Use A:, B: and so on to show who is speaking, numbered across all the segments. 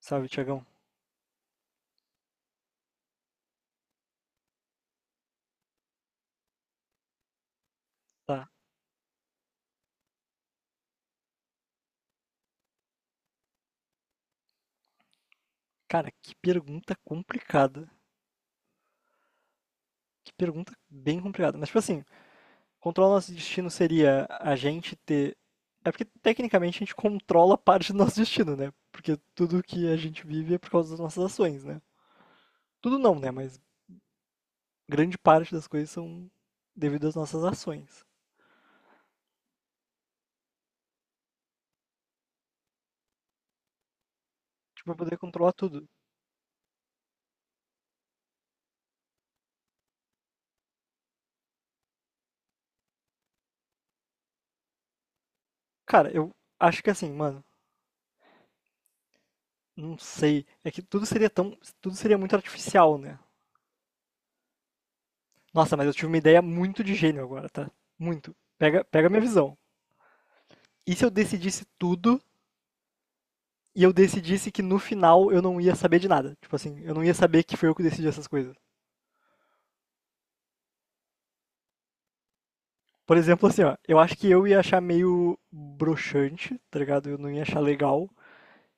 A: Salve, Tiagão. Tá. Cara, que pergunta complicada. Que pergunta bem complicada. Mas, tipo assim, controlar nosso destino seria a gente ter. É porque, tecnicamente, a gente controla parte do nosso destino, né? Porque tudo que a gente vive é por causa das nossas ações, né? Tudo não, né? Mas grande parte das coisas são devido às nossas ações. Tipo, pra poder controlar tudo. Cara, eu acho que assim, mano, não sei. É que tudo seria tão. Tudo seria muito artificial, né? Nossa, mas eu tive uma ideia muito de gênio agora, tá? Muito. Pega minha visão. E se eu decidisse tudo e eu decidisse que no final eu não ia saber de nada? Tipo assim, eu não ia saber que foi eu que decidi essas coisas. Por exemplo, assim, ó, eu acho que eu ia achar meio broxante, tá ligado? Eu não ia achar legal.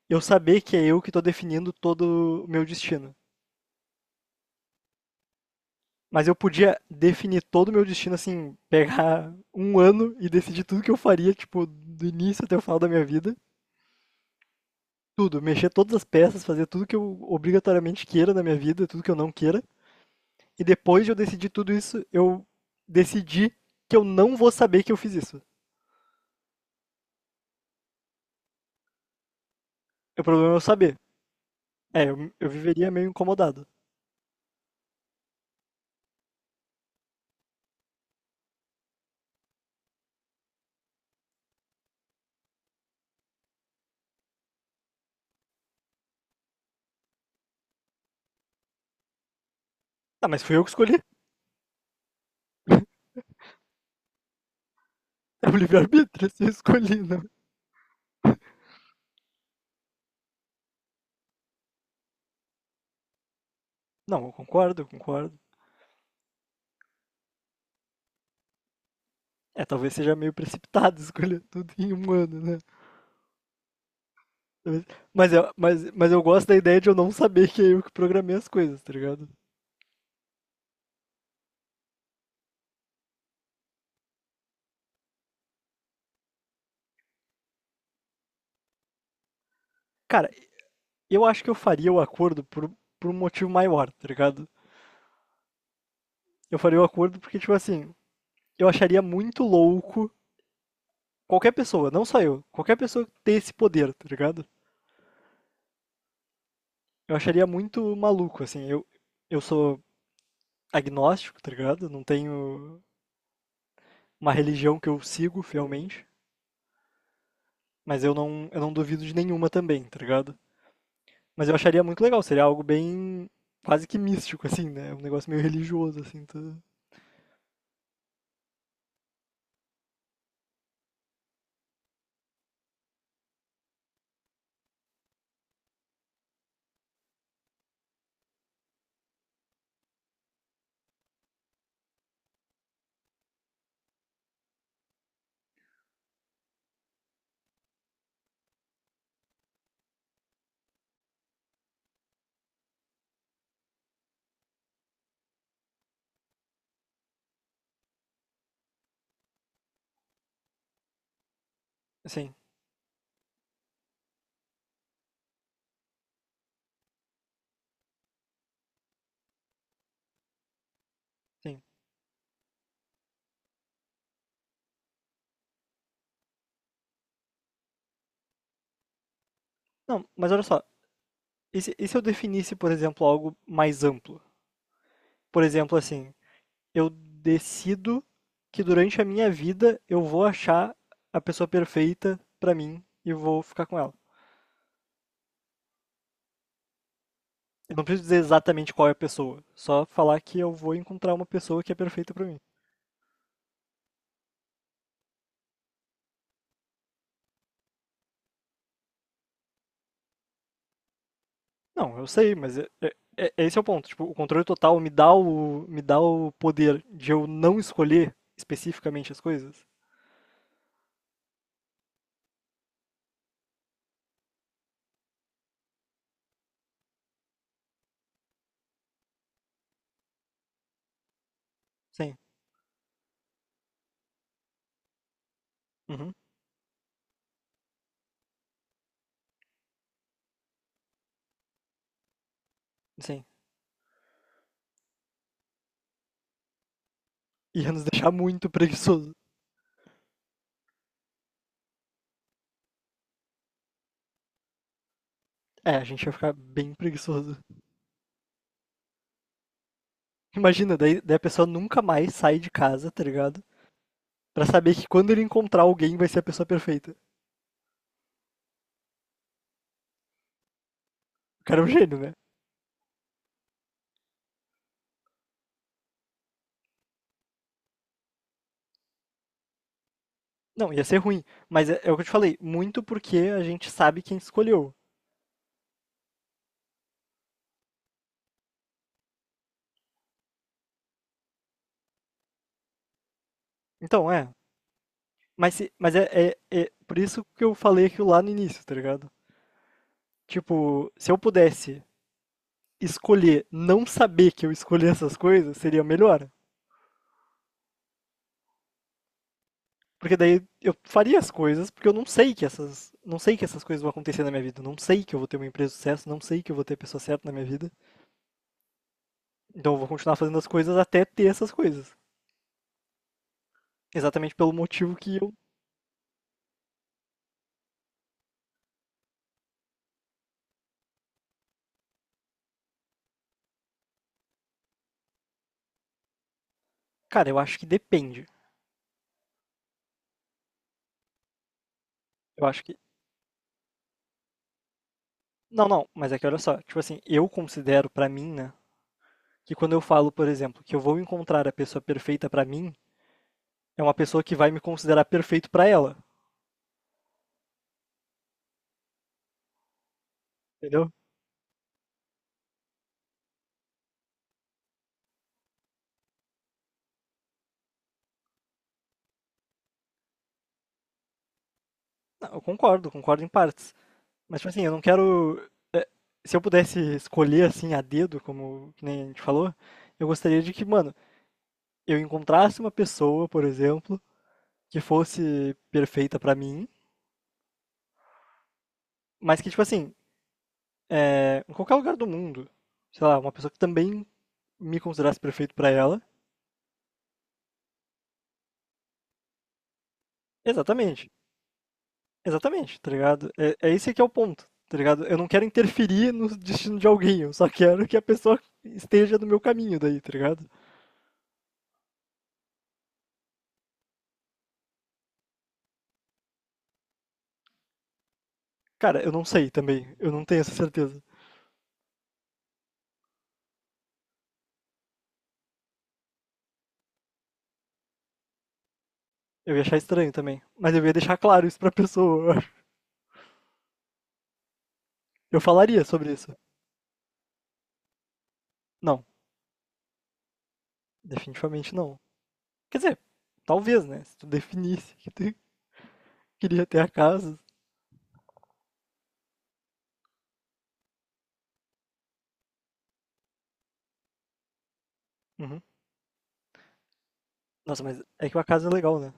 A: Eu saber que é eu que tô definindo todo o meu destino. Mas eu podia definir todo o meu destino, assim, pegar um ano e decidir tudo que eu faria, tipo, do início até o final da minha vida. Tudo, mexer todas as peças, fazer tudo que eu obrigatoriamente queira na minha vida, tudo que eu não queira. E depois de eu decidir tudo isso, eu decidi que eu não vou saber que eu fiz isso. O problema é eu saber. É, eu viveria meio incomodado. Ah, mas fui eu que escolhi. É o livre-arbítrio, se eu escolhi, não. Não, eu concordo. É, talvez seja meio precipitado escolher tudo em um ano, né? Talvez- Mas eu, mas eu gosto da ideia de eu não saber que é eu que programei as coisas, tá ligado? Cara, eu acho que eu faria o acordo por um motivo maior, tá ligado? Eu faria o acordo porque, tipo assim, eu acharia muito louco qualquer pessoa, não só eu, qualquer pessoa ter esse poder, tá ligado? Eu acharia muito maluco, assim. Eu sou agnóstico, tá ligado? Não tenho uma religião que eu sigo fielmente, mas eu não duvido de nenhuma também, tá ligado? Mas eu acharia muito legal, seria algo bem quase que místico, assim, né? Um negócio meio religioso, assim, tá? Sim, sim. Não, mas olha só, e se eu definisse, por exemplo, algo mais amplo? Por exemplo, assim, eu decido que durante a minha vida eu vou achar a pessoa perfeita pra mim e vou ficar com ela. Eu não preciso dizer exatamente qual é a pessoa, só falar que eu vou encontrar uma pessoa que é perfeita pra mim. Não, eu sei, mas é esse é o ponto. Tipo, o controle total me dá me dá o poder de eu não escolher especificamente as coisas. Sim. Uhum. Sim. Ia nos deixar muito preguiçoso. É, a gente ia ficar bem preguiçoso. Imagina, daí a pessoa nunca mais sai de casa, tá ligado? Pra saber que quando ele encontrar alguém vai ser a pessoa perfeita. O cara é um gênio, né? Não, ia ser ruim. Mas é, é o que eu te falei, muito porque a gente sabe quem escolheu. Então, é. Mas, se- mas é, é por isso que eu falei aquilo lá no início, tá ligado? Tipo, se eu pudesse escolher não saber que eu escolhi essas coisas, seria melhor. Porque daí eu faria as coisas, porque eu não sei que essas, não sei que essas coisas vão acontecer na minha vida, não sei que eu vou ter uma empresa de sucesso, não sei que eu vou ter a pessoa certa na minha vida. Então eu vou continuar fazendo as coisas até ter essas coisas. Exatamente pelo motivo que eu. Cara, eu acho que depende. Eu acho que. Não, não, mas é que olha só, tipo assim, eu considero pra mim, né, que quando eu falo, por exemplo, que eu vou encontrar a pessoa perfeita pra mim, é uma pessoa que vai me considerar perfeito pra ela, entendeu? Não, concordo em partes. Mas, tipo assim, eu não quero. é, Se eu pudesse escolher, assim, a dedo, como que nem a gente falou, eu gostaria de que, mano, eu encontrasse uma pessoa, por exemplo, que fosse perfeita pra mim, mas que, tipo assim, em qualquer lugar do mundo, sei lá, uma pessoa que também me considerasse perfeito pra ela. Exatamente, exatamente, tá ligado? É, é esse que é o ponto, tá ligado? Eu não quero interferir no destino de alguém, eu só quero que a pessoa esteja no meu caminho daí, tá ligado? Cara, eu não sei também, eu não tenho essa certeza. Eu ia achar estranho também, mas eu ia deixar claro isso pra pessoa, eu falaria sobre isso. Não, definitivamente não. Quer dizer, talvez, né? Se tu definisse que tu queria ter a casa. Uhum. Nossa, mas é que a casa é legal, né?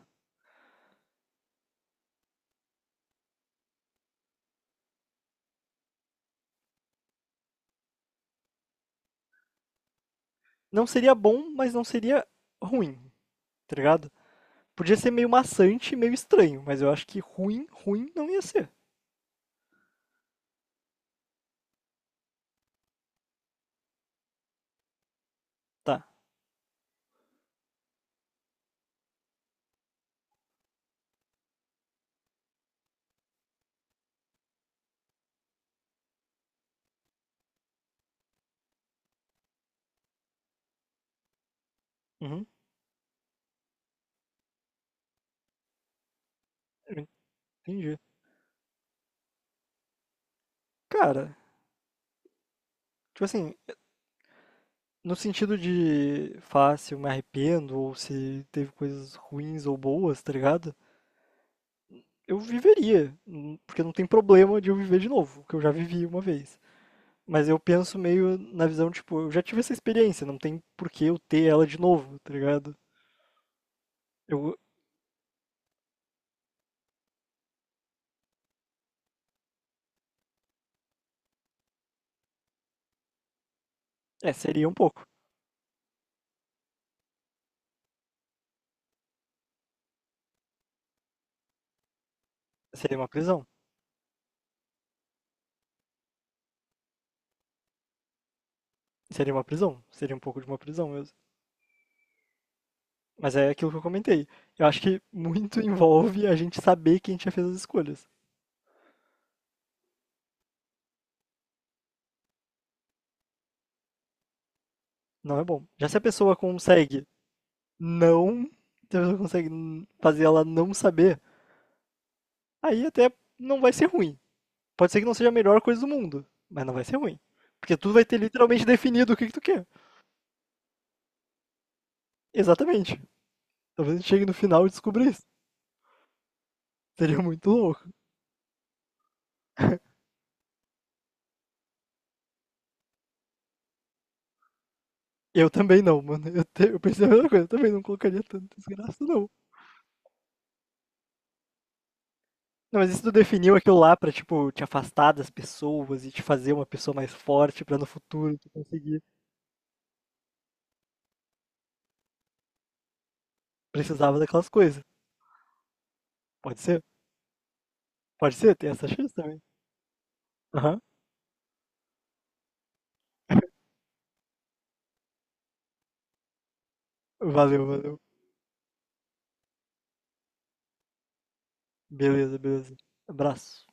A: Não seria bom, mas não seria ruim, tá ligado? Podia ser meio maçante, meio estranho, mas eu acho que ruim não ia ser. Tá. Uhum, eu entendi. Cara, tipo assim, no sentido de fácil, me arrependo, ou se teve coisas ruins ou boas, tá ligado? Eu viveria, porque não tem problema de eu viver de novo, que eu já vivi uma vez. Mas eu penso meio na visão, tipo, eu já tive essa experiência, não tem por que eu ter ela de novo, tá ligado? Eu, é, seria um pouco. Seria uma prisão. Seria uma prisão, seria um pouco de uma prisão mesmo. Mas é aquilo que eu comentei. Eu acho que muito envolve a gente saber quem já fez as escolhas. Não é bom. Já se a pessoa consegue não, se a pessoa consegue fazer ela não saber, aí até não vai ser ruim. Pode ser que não seja a melhor coisa do mundo, mas não vai ser ruim. Porque tu vai ter literalmente definido o que que tu quer. Exatamente. Talvez a gente chegue no final e descubra isso. Seria muito louco. Eu também não, mano. Eu pensei a mesma coisa. Eu também não colocaria tanta desgraça, não. Não, mas isso tu definiu aquilo lá pra, tipo, te afastar das pessoas e te fazer uma pessoa mais forte pra no futuro tu conseguir. Precisava daquelas coisas. Pode ser? Pode ser, tem essa chance também. Aham. Valeu, valeu. Beleza, beleza. Abraço.